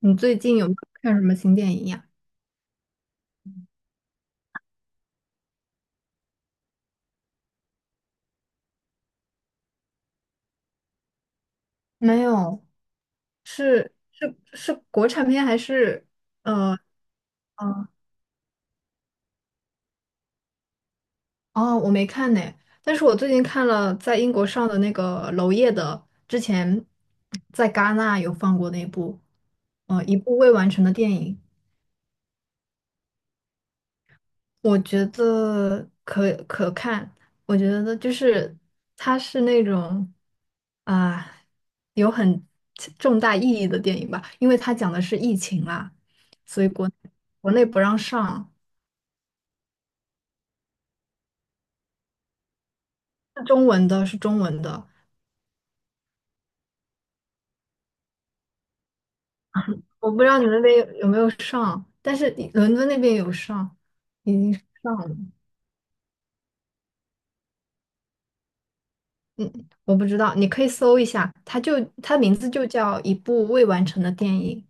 你最近有没有看什么新电影呀？没有，是国产片还是呃呃哦，我没看呢。但是我最近看了在英国上的那个娄烨的，之前在戛纳有放过那部，一部未完成的电影。我觉得看，我觉得就是它是那种啊、有很重大意义的电影吧，因为它讲的是疫情啦，所以国内不让上。是中文的，是中文的。我不知道你们那边有没有上，但是伦敦那边有上，已经上了。我不知道，你可以搜一下，它它名字就叫一部未完成的电影。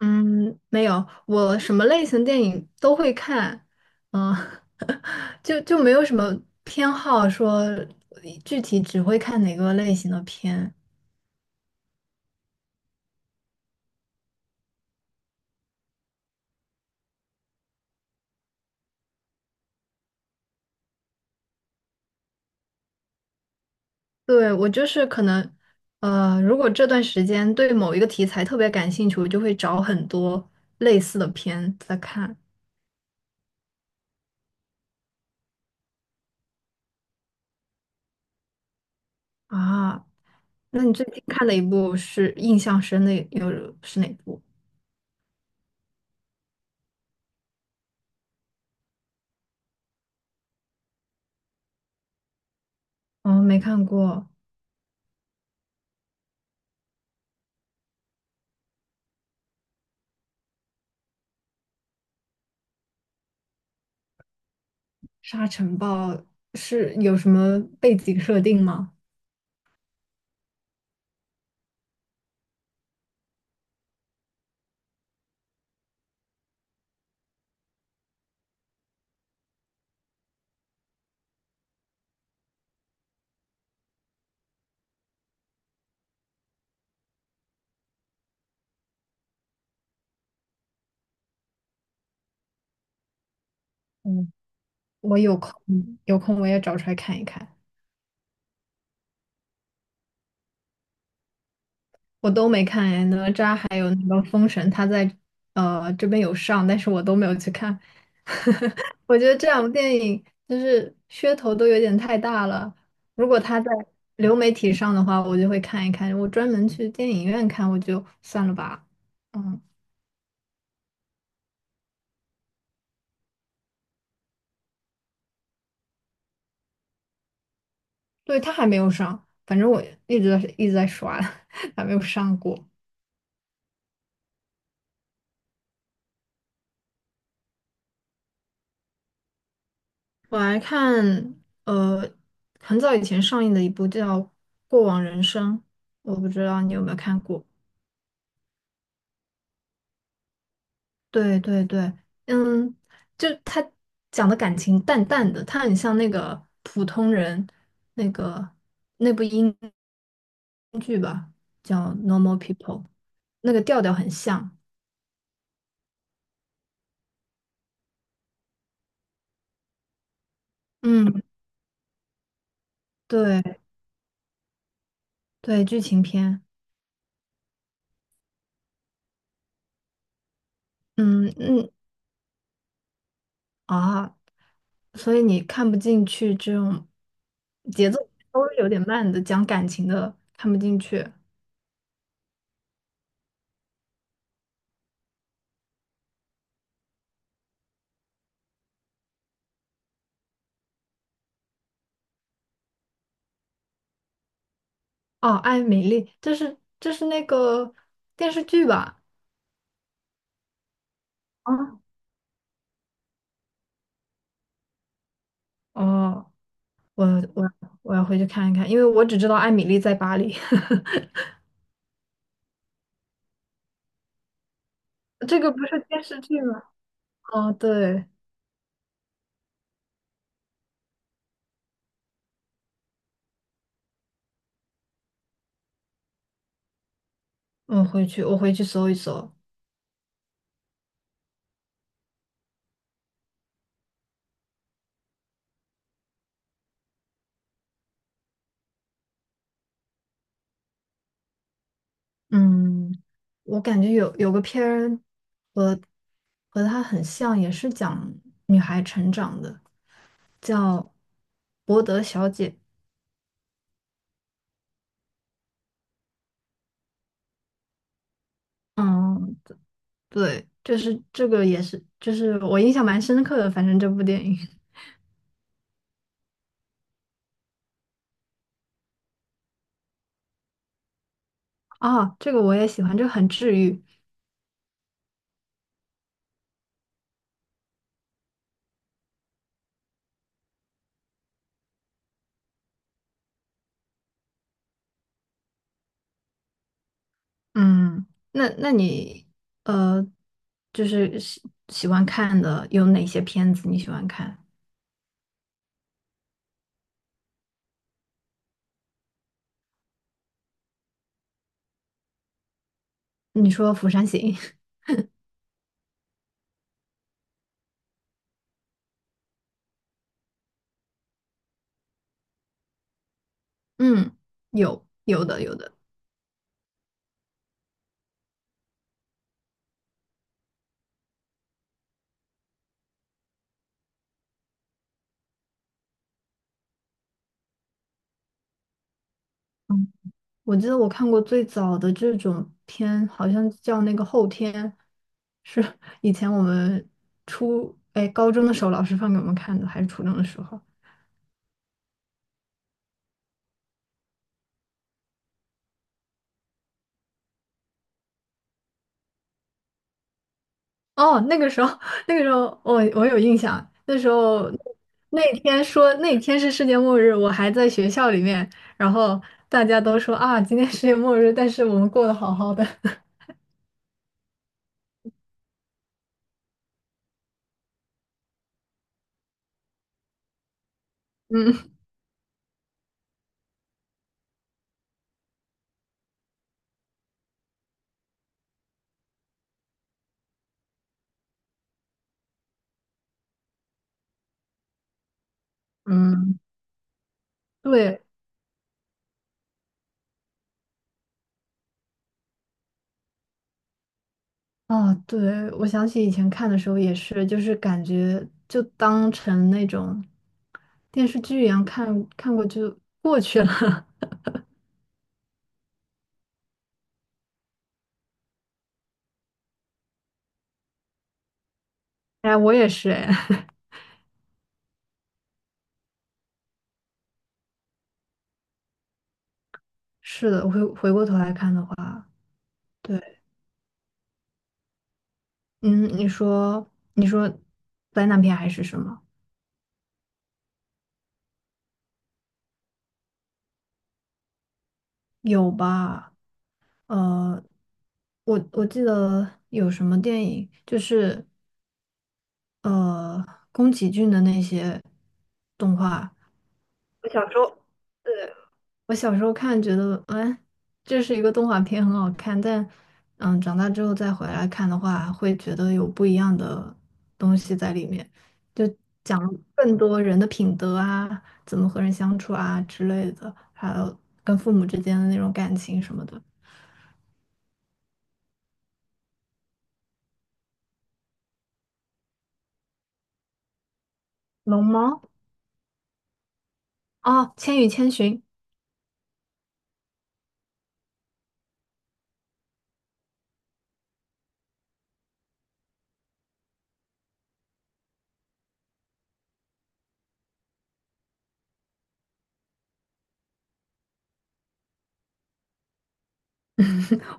嗯，没有，我什么类型电影都会看。嗯，就没有什么偏好说具体只会看哪个类型的片。对，我就是可能，如果这段时间对某一个题材特别感兴趣，我就会找很多类似的片在看。啊，那你最近看的一部是印象深的有是哪部？哦，没看过。《沙尘暴》，是有什么背景设定吗？嗯，我有空有空我也找出来看一看。我都没看哎，哪吒还有那个封神，他在这边有上，但是我都没有去看。我觉得这两部电影就是噱头都有点太大了，如果他在流媒体上的话，我就会看一看。我专门去电影院看，我就算了吧。嗯，对，他还没有上，反正我一直在刷，还没有上过。我还看呃很早以前上映的一部叫《过往人生》，我不知道你有没有看过。对对对，嗯，就他讲的感情淡淡的，他很像那个普通人那个那部剧吧，叫《Normal People》，那个调调很像。嗯，对对，剧情片。嗯嗯，啊，所以你看不进去这种节奏稍微有点慢的讲感情的，看不进去。哦，《艾米丽》这这是那个电视剧吧？啊，哦，我我我要回去看一看，因为我只知道《艾米丽在巴黎》。这个不是电视剧吗？哦，对，我回去搜一搜。嗯，我感觉有个片儿和和它很像，也是讲女孩成长的。叫博德小姐。嗯，对，就是这个也是，就是我印象蛮深刻的，反正这部电影。 啊，这个我也喜欢，这个很治愈。嗯，那那你呃，就是喜喜欢看的有哪些片子你喜欢看？你说《釜山行》？嗯，有有的有的。嗯。我记得我看过最早的这种片，好像叫那个后天，是以前我们高中的时候老师放给我们看的，还是初中的时候？哦，那个时候，那个时候我有印象，那时候那天是世界末日，我还在学校里面，然后大家都说啊，今天世界末日，但是我们过得好好的。嗯嗯，对，啊，对，我想起以前看的时候也是，就是感觉就当成那种电视剧一样看，看过就过去了。哎，我也是，哎，是的，回过头来看的话，对。嗯，你说，你说灾难片还是什么？有吧？呃，我记得有什么电影，就是呃宫崎骏的那些动画。我小时候。对。我小时候看觉得，哎，这是一个动画片，很好看，但嗯，长大之后再回来看的话，会觉得有不一样的东西在里面，就讲了更多人的品德啊，怎么和人相处啊之类的，还有跟父母之间的那种感情什么的。龙猫。哦，《千与千寻》。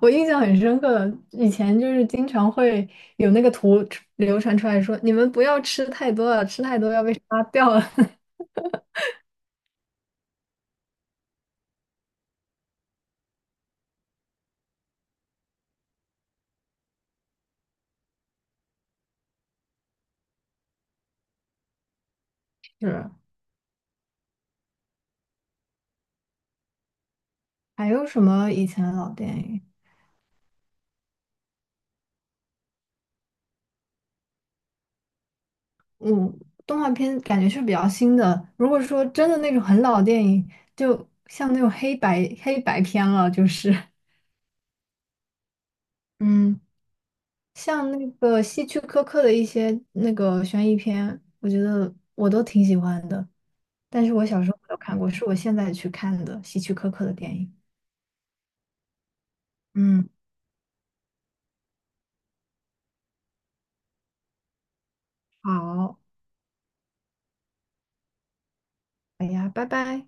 我印象很深刻，以前就是经常会有那个图流传出来说，你们不要吃太多了，吃太多要被杀掉了。是。还有什么以前的老电影？嗯，动画片感觉是比较新的。如果说真的那种很老的电影，就像那种黑白片了，就是 嗯，像那个希区柯克的一些那个悬疑片，我觉得我都挺喜欢的。但是我小时候没有看过，是我现在去看的希区柯克的电影。嗯，好，哎呀，拜拜。